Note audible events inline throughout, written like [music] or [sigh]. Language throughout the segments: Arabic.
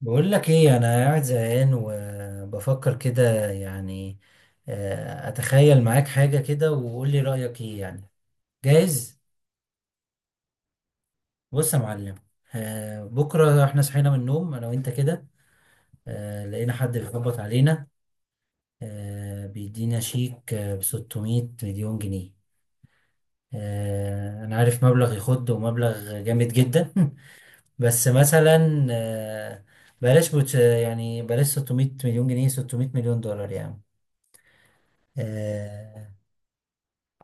بقول لك ايه انا قاعد زهقان وبفكر كده يعني. اتخيل معاك حاجة كده وقول لي رأيك ايه يعني. جاهز. بص يا معلم. بكرة احنا صحينا من النوم انا وانت كده. لقينا حد بيخبط علينا. بيدينا شيك ب 600 مليون جنيه. انا عارف مبلغ يخد ومبلغ جامد جدا. [laughs] بس مثلا يعني بلاش 600 مليون جنيه، 600 مليون دولار يعني. آه،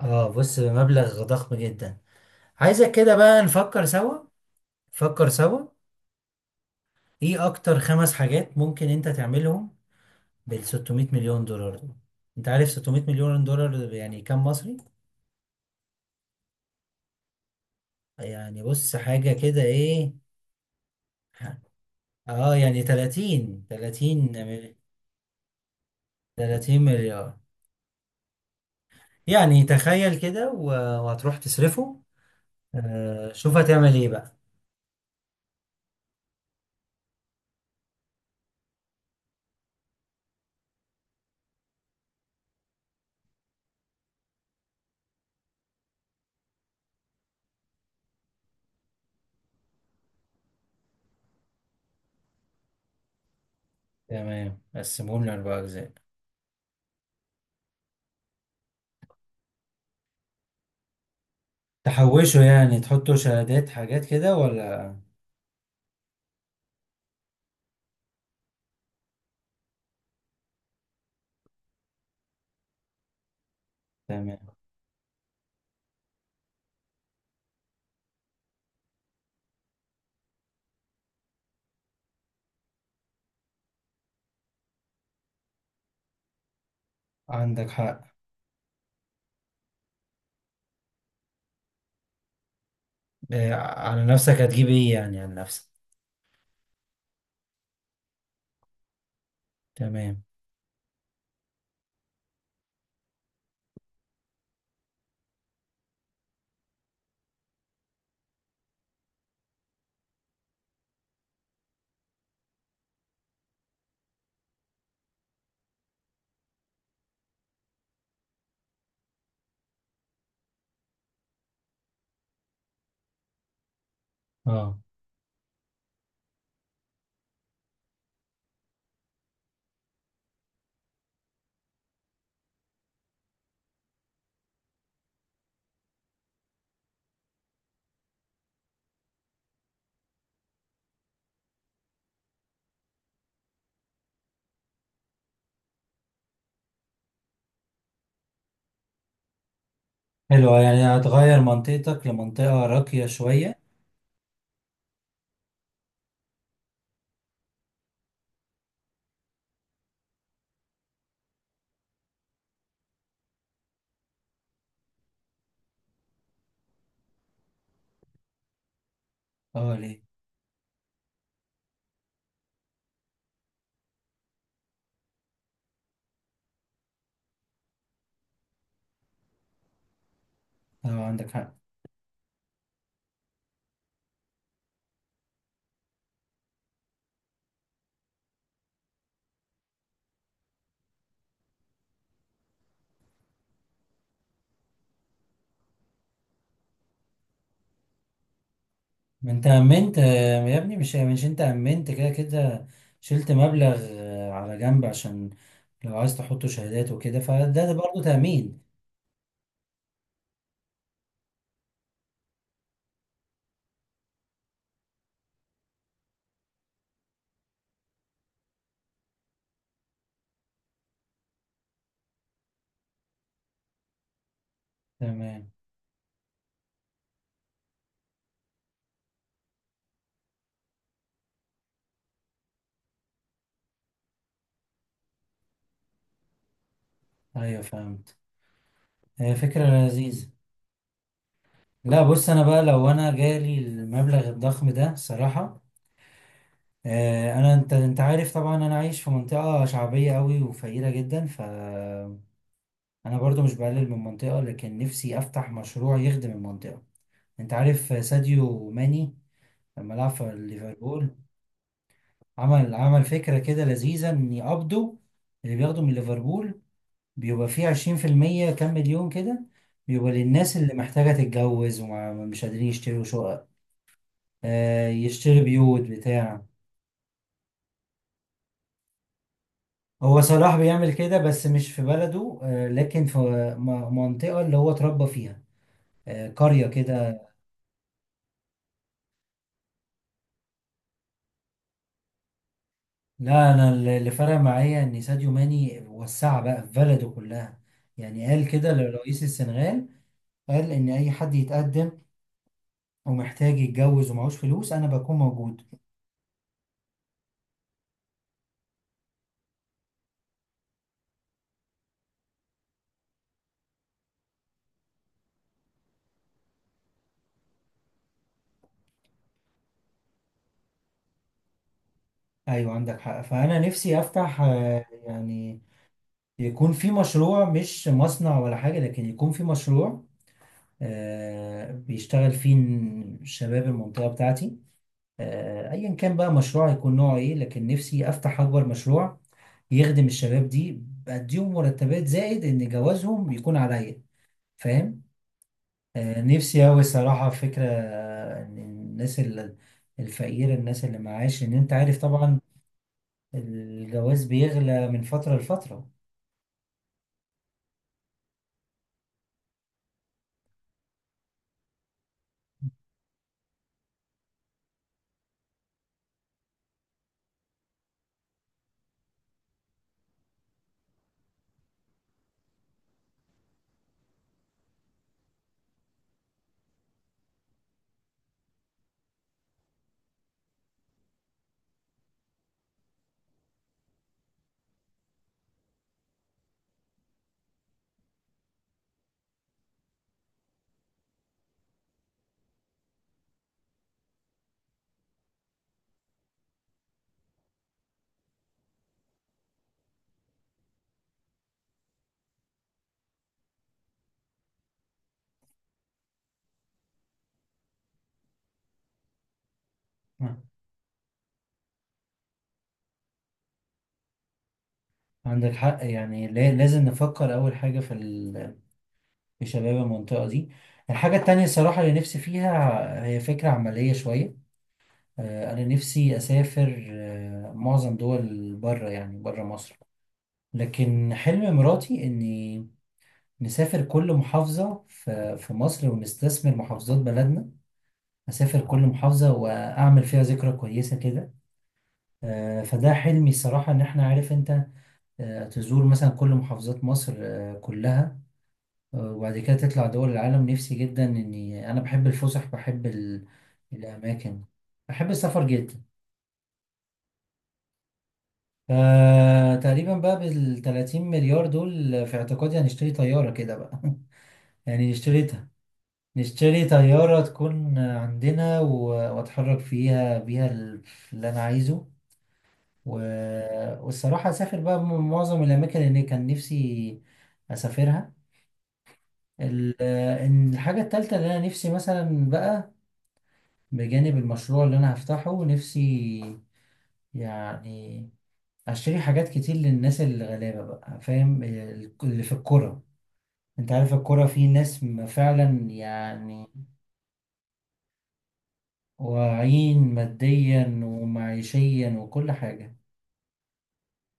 اه بص مبلغ ضخم جدا. عايزك كده بقى نفكر سوا. نفكر سوا. ايه اكتر خمس حاجات ممكن انت تعملهم بال 600 مليون دولار دول؟ انت عارف 600 مليون دولار يعني كام مصري؟ يعني بص حاجة كده ايه. اه يعني 30 مليار. يعني تخيل كده وهتروح تصرفه. شوف هتعمل ايه بقى. تمام قسمهم لأربع أجزاء. تحوشه يعني تحطه شهادات حاجات كده ولا؟ تمام. عندك حق. إيه، على نفسك هتجيب ايه يعني على نفسك؟ تمام. اه حلو، يعني هتغير منطقتك لمنطقة راقية شوية؟ اه ليه؟ اه عندك حق. ما انت امنت، يا ابني، مش انت امنت كده كده. شلت مبلغ على جنب عشان لو عايز تحطه شهادات وكده فده برضه تأمين. تمام. ايوه فهمت. هي فكرة لذيذة. لا بص، انا بقى لو انا جالي المبلغ الضخم ده صراحة. انا، انت عارف طبعا، انا عايش في منطقه شعبيه قوي وفقيره جدا. ف انا برضو مش بقلل من المنطقه لكن نفسي افتح مشروع يخدم المنطقه. انت عارف ساديو ماني لما لعب في ليفربول؟ عمل فكره كده لذيذه، ان يقبضوا اللي بياخدوا من ليفربول، بيبقى فيه 20% كام مليون كده، بيبقى للناس اللي محتاجه تتجوز ومش قادرين يشتروا شقق. يشتري بيوت بتاع. هو صلاح بيعمل كده بس مش في بلده، لكن في منطقة اللي هو اتربى فيها، قرية كده. لا أنا، اللي فرق معايا إن ساديو ماني وسعها بقى في بلده كلها. يعني قال كده لرئيس السنغال. قال إن أي حد يتقدم ومحتاج يتجوز ومعهوش فلوس أنا بكون موجود. أيوة عندك حق. فأنا نفسي أفتح يعني يكون في مشروع، مش مصنع ولا حاجة، لكن يكون في مشروع بيشتغل فيه الشباب، المنطقة بتاعتي. ايا كان بقى مشروع يكون نوعه ايه، لكن نفسي افتح اكبر مشروع يخدم الشباب دي. بديهم مرتبات زائد ان جوازهم يكون عليا، فاهم؟ نفسي اوي الصراحه فكره ان الناس الفقيره، الناس اللي معاش، ان انت عارف طبعا الجواز بيغلى من فتره لفتره. آه، عندك حق يعني، لازم نفكر اول حاجه في شباب المنطقه دي. الحاجه التانية الصراحه اللي نفسي فيها هي فكره عمليه شويه. أنا نفسي أسافر، معظم دول بره يعني بره مصر. لكن حلم مراتي إني نسافر كل محافظة في مصر، ونستثمر محافظات بلدنا. أسافر كل محافظة وأعمل فيها ذكرى كويسة كده. فده حلمي الصراحة، إن إحنا، عارف أنت، تزور مثلا كل محافظات مصر كلها، وبعد كده تطلع دول العالم. نفسي جدا، إني أنا بحب الفسح، بحب الأماكن. بحب السفر جدا. فتقريبا بقى بال 30 مليار دول في اعتقادي هنشتري طيارة كده بقى. [laughs] يعني نشتريها. نشتري طيارة تكون عندنا واتحرك فيها، بيها اللي انا عايزه و... والصراحة اسافر بقى معظم الاماكن اللي كان نفسي اسافرها. ال- إن الحاجة التالتة اللي انا نفسي مثلا بقى، بجانب المشروع اللي انا هفتحه، نفسي يعني اشتري حاجات كتير للناس الغلابة بقى، فاهم، اللي في الكرة. انت عارف الكرة، في ناس فعلا يعني واعيين، ماديا ومعيشيا وكل حاجة.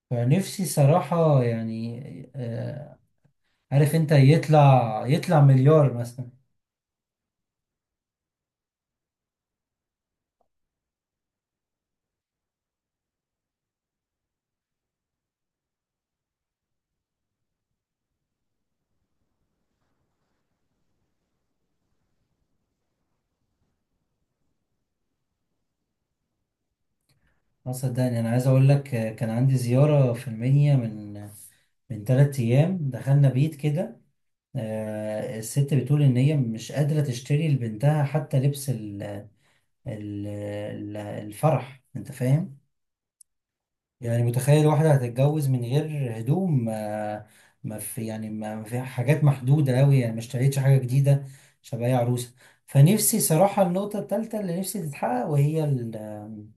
فنفسي صراحة يعني، آه، عارف انت، يطلع مليار مثلا. اه صدقني، انا عايز اقول لك، كان عندي زيارة في المنيا من ثلاث ايام. دخلنا بيت كده، الست بتقول ان هي مش قادرة تشتري لبنتها حتى لبس الفرح، انت فاهم. يعني متخيل واحدة هتتجوز من غير هدوم، ما ما في يعني ما ما في حاجات محدودة أوي، يعني ما اشتريتش حاجة جديدة عشان أبقى هي عروسة. فنفسي صراحة النقطة التالتة اللي نفسي تتحقق، وهي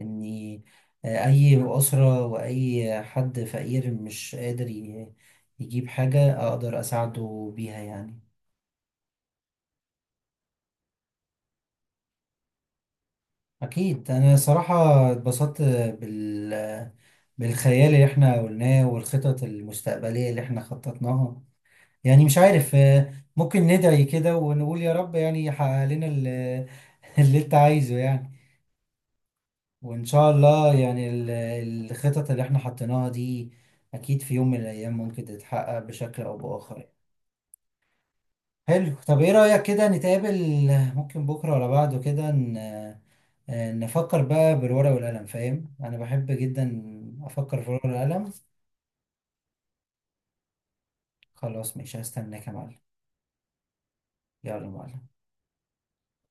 إني أي أسرة وأي حد فقير مش قادر يجيب حاجة، أقدر أساعده بيها يعني. أكيد. أنا صراحة اتبسطت بال بالخيال اللي احنا قلناه، والخطط المستقبلية اللي احنا خططناها. يعني مش عارف، ممكن ندعي كده ونقول يا رب يعني يحقق لنا [laughs] اللي انت عايزه يعني. وان شاء الله يعني الخطط اللي احنا حطيناها دي اكيد في يوم من الايام ممكن تتحقق بشكل او باخر يعني. حلو، طب ايه رأيك كده نتقابل؟ ممكن بكرة ولا بعده كده نفكر بقى بالورقة والقلم. فاهم، انا بحب جدا افكر في الورقة والقلم. خلاص ماشي، هستناك يا معلم. يلا يا معلم.